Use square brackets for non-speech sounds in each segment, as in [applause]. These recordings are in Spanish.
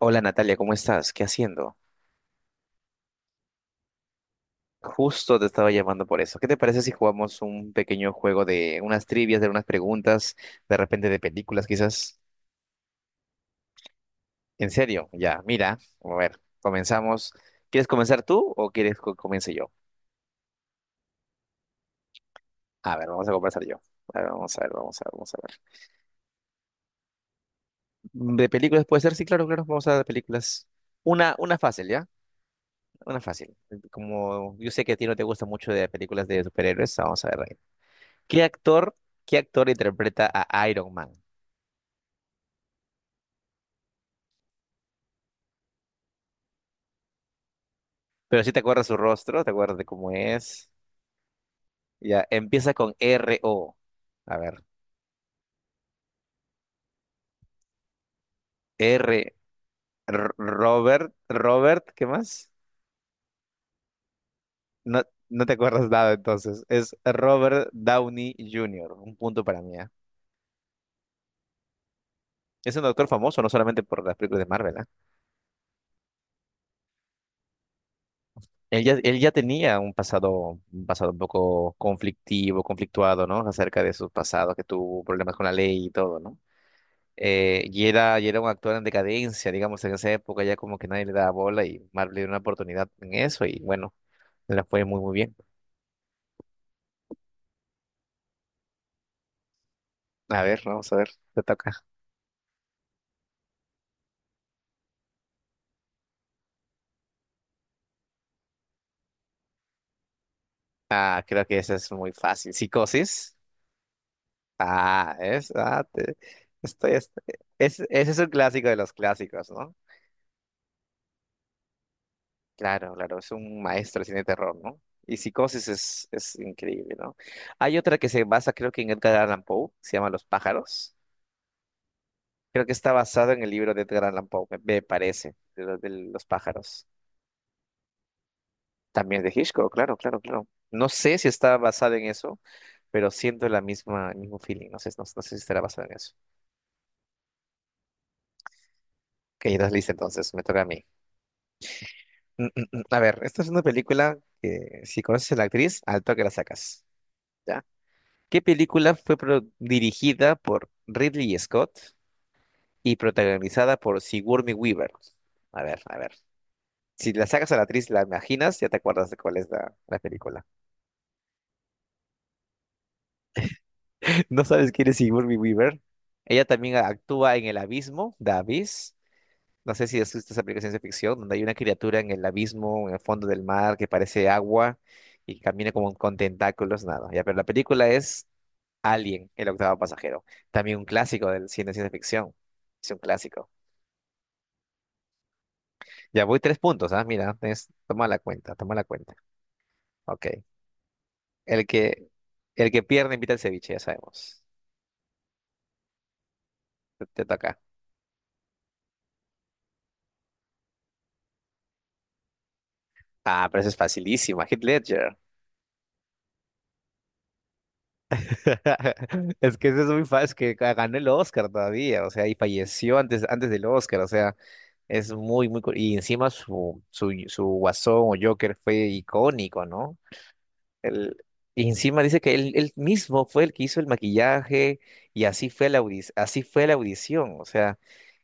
Hola Natalia, ¿cómo estás? ¿Qué haciendo? Justo te estaba llamando por eso. ¿Qué te parece si jugamos un pequeño juego de unas trivias, de unas preguntas, de repente de películas, quizás? En serio, ya, mira, a ver, comenzamos. ¿Quieres comenzar tú o quieres que comience yo? A ver, vamos a comenzar yo. A ver, vamos a ver, vamos a ver, vamos a ver. ¿De películas puede ser? Sí, claro, claro, vamos a ver de películas. Una fácil, ¿ya? Una fácil. Como yo sé que a ti no te gusta mucho de películas de superhéroes, vamos a ver. ¿Qué actor, qué actor interpreta a Iron Man? Pero si te acuerdas su rostro, te acuerdas de cómo es. Ya, empieza con R-O. A ver, Robert, ¿qué más? No, no te acuerdas nada entonces. Es Robert Downey Jr., un punto para mí, ¿ah? Es un doctor famoso, no solamente por las películas de Marvel, ¿ah? Él ya tenía un pasado, un poco conflictivo, conflictuado, ¿no? Acerca de su pasado, que tuvo problemas con la ley y todo, ¿no? Y era un actor en decadencia, digamos. En esa época ya como que nadie le daba bola y Marvel le dio una oportunidad en eso y bueno, le la fue muy, muy bien. A ver, vamos a ver, te toca. Ah, creo que esa es muy fácil. Psicosis. Ah, es, ah, te- estoy, estoy- es, ese es un clásico de los clásicos, ¿no? Claro, claro, es un maestro del cine de terror, ¿no? Y Psicosis es increíble, ¿no? Hay otra que se basa, creo que en Edgar Allan Poe, se llama Los pájaros. Creo que está basado en el libro de Edgar Allan Poe, me parece, los de los pájaros. También de Hitchcock, claro, claro, claro. No sé si está basado en eso, pero siento la misma, el mismo feeling. No sé, no sé si estará basado en eso. Ok, estás lista entonces, me toca a mí. Mm, mm, mm. A ver, esta es una película que si conoces a la actriz, al toque la sacas. ¿Ya? ¿Qué película fue dirigida por Ridley Scott y protagonizada por Sigourney Weaver? A ver, a ver. Si la sacas a la actriz, la imaginas, ya te acuerdas de cuál es la película. [laughs] ¿No sabes quién es Sigourney Weaver? Ella también actúa en El Abismo, The Abyss. No sé si has visto esa película de ciencia ficción, donde hay una criatura en el abismo, en el fondo del mar, que parece agua y camina como con tentáculos, nada. Ya, pero la película es Alien, el octavo pasajero. También un clásico del cine de ciencia ficción. Es un clásico. Ya voy tres puntos, ¿ah? Mira, toma la cuenta, toma la cuenta. Ok. El que, el que pierde invita al ceviche, ya sabemos. Te toca. Ah, pero eso es facilísima. Heath Ledger. [laughs] Es que eso es muy fácil, que ganó el Oscar todavía, o sea, y falleció antes, del Oscar, o sea, es muy, muy. Y encima su Guasón o Joker fue icónico, ¿no? El, y encima dice que él mismo fue el que hizo el maquillaje y así fue la audición, o sea,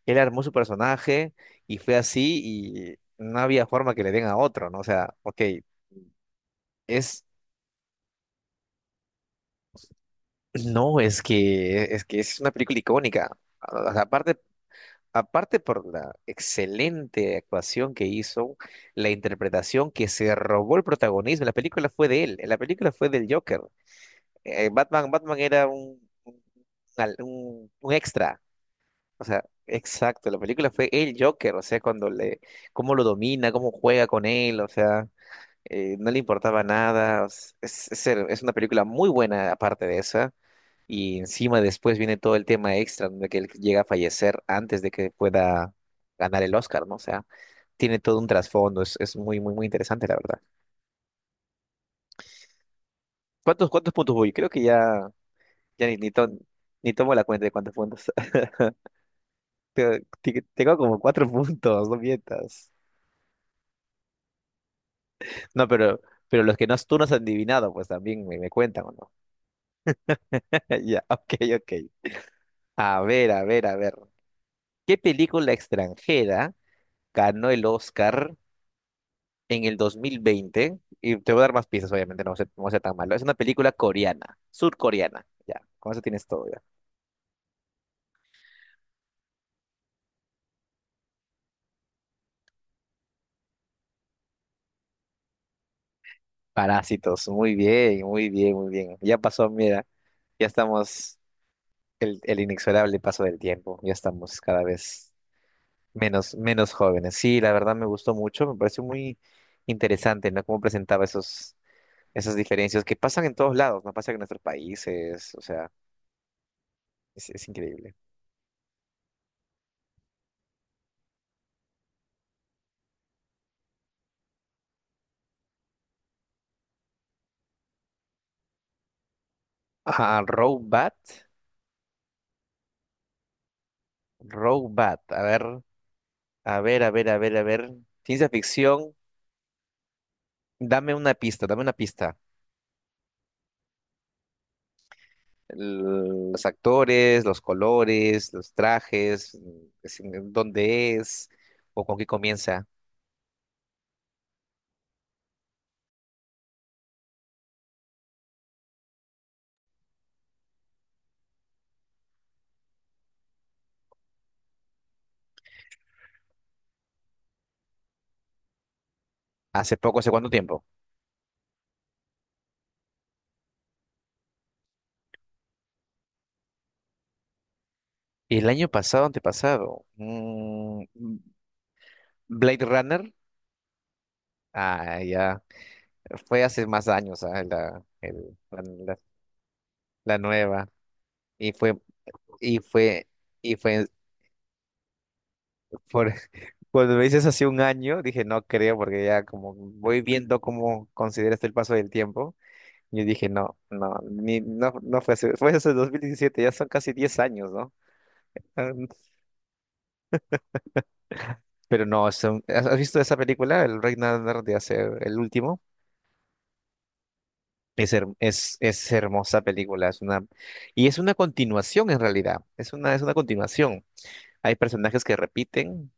él armó su personaje y fue así y no había forma que le den a otro, ¿no? O sea, ok, es No, es que es una película icónica. O sea, aparte por la excelente actuación que hizo, la interpretación que se robó el protagonismo. La película fue de él, la película fue del Joker. Batman era un extra. O sea, exacto, la película fue el Joker. O sea, cómo lo domina, cómo juega con él, o sea, no le importaba nada. Es una película muy buena aparte de esa. Y encima después viene todo el tema extra donde que él llega a fallecer antes de que pueda ganar el Oscar, ¿no? O sea, tiene todo un trasfondo, es muy, muy, muy interesante, la verdad. ¿Cuántos puntos voy? Creo que ya ni tomo la cuenta de cuántos puntos. [laughs] Tengo como cuatro puntos, no mientas. No, pero los que no, tú no has adivinado, pues también me cuentan, ¿o no? [laughs] Ya, ok, ok. A ver, a ver, a ver. ¿Qué película extranjera ganó el Oscar en el 2020? Y te voy a dar más pistas, obviamente, no va a ser tan malo. Es una película coreana, surcoreana. Ya, con eso tienes todo, ya. Parásitos, muy bien, muy bien, muy bien. Ya pasó, mira, ya estamos, el inexorable paso del tiempo, ya estamos cada vez menos, menos jóvenes. Sí, la verdad me gustó mucho, me pareció muy interesante, ¿no? Cómo presentaba esos, esas diferencias que pasan en todos lados, no pasan en nuestros países, o sea, es increíble. Ah, Robot, a ver. A ver, a ver, a ver, a ver. Ciencia ficción, dame una pista, dame una pista. Los actores, los colores, los trajes, dónde es o con qué comienza. Hace poco, ¿hace cuánto tiempo? ¿Y el año pasado, antepasado? ¿Blade Runner? Ah, ya. Fue hace más años, ah, La, el- la- la nueva. Y fue, y fue, y fue por, Cuando me dices hace un año, dije, no creo, porque ya como voy viendo cómo consideras el paso del tiempo, yo dije, no, no, ni, no, no fue hace, fue hace 2017, ya son casi 10 años, ¿no? Ah, mm". Pero no, ¿has visto esa película, El Rey Nadar de Hacer el último? Es hermosa película, es una, y es una continuación en realidad, es una continuación. Hay personajes que repiten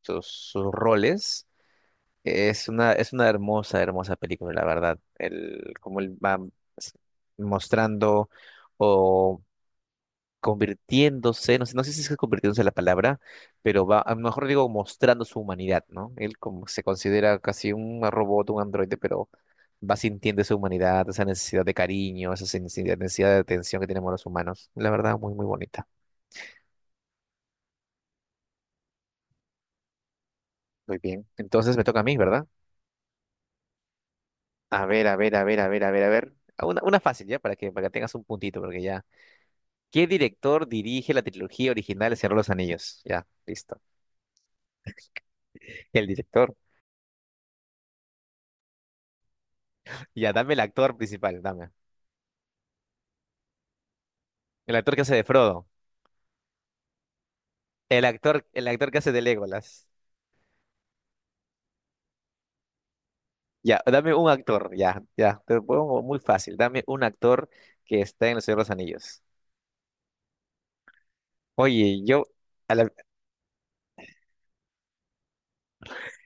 sus roles. Es una hermosa, hermosa película, la verdad. Cómo él va s- mostrando o convirtiéndose, no sé, si es que convirtiéndose la palabra, pero va, a lo mejor digo mostrando su humanidad, ¿no? Él como se considera casi un robot, un androide, pero va sintiendo esa humanidad, esa necesidad de cariño, esa necesidad de atención que tenemos los humanos. La verdad, muy, muy bonita. Muy bien. Entonces me toca a mí, ¿verdad? A ver, a ver, a ver, a ver, a ver, a ver. Una fácil, ¿ya? Para que tengas un puntito, porque ya. ¿Qué director dirige la trilogía original de Señor de los Anillos? Ya, listo. El director. Ya, dame el actor principal, dame. El actor que hace de Frodo. El actor que hace de Legolas. Ya, dame un actor, ya, ya. Te lo pongo muy fácil. Dame un actor que está en el Señor de los Anillos. Oye, a la-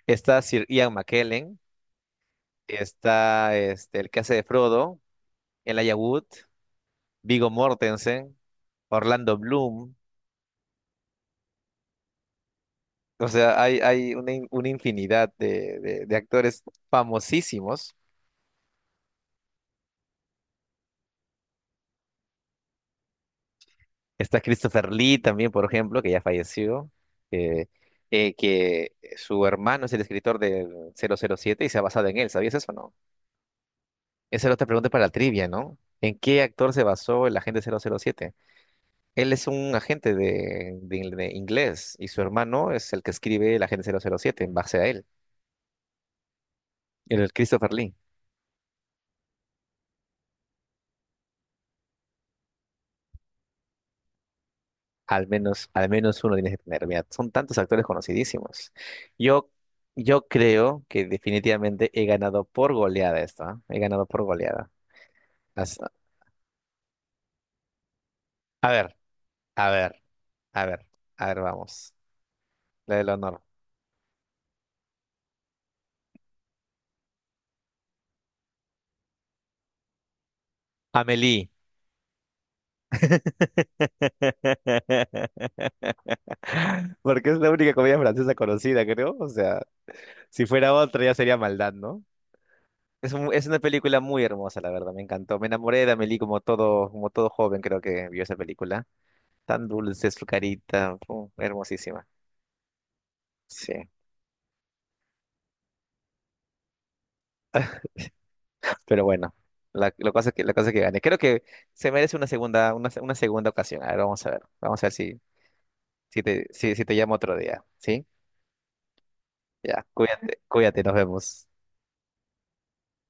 está Sir Ian McKellen. Está este, el que hace de Frodo. Elijah Wood. Viggo Mortensen. Orlando Bloom. O sea, hay una infinidad de actores famosísimos. Está Christopher Lee también, por ejemplo, que ya falleció, eh, que su hermano es el escritor del 007 y se ha basado en él. ¿Sabías eso o no? Esa era otra pregunta para la trivia, ¿no? ¿En qué actor se basó el agente 007? Él es un agente de inglés y su hermano es el que escribe el agente 007 en base a él, el Christopher Lee. Al menos uno tienes que tener. Mira, son tantos actores conocidísimos. Yo, yo creo que definitivamente he ganado por goleada esto, ¿ah? He ganado por goleada. Las- a ver, a ver, a ver, a ver, vamos. La del honor. Amélie. [laughs] Porque es la única comedia francesa conocida, creo. O sea, si fuera otra ya sería maldad, ¿no? Es una película muy hermosa, la verdad, me encantó. Me enamoré de Amélie como todo, joven, creo que vio esa película. Tan dulce su carita, fu, hermosísima. Sí, pero bueno, la cosa que, la cosa que gane. Creo que se merece una segunda ocasión. A ver, vamos a ver. Vamos a ver si te llamo otro día. ¿Sí? Ya, cuídate, cuídate, nos vemos.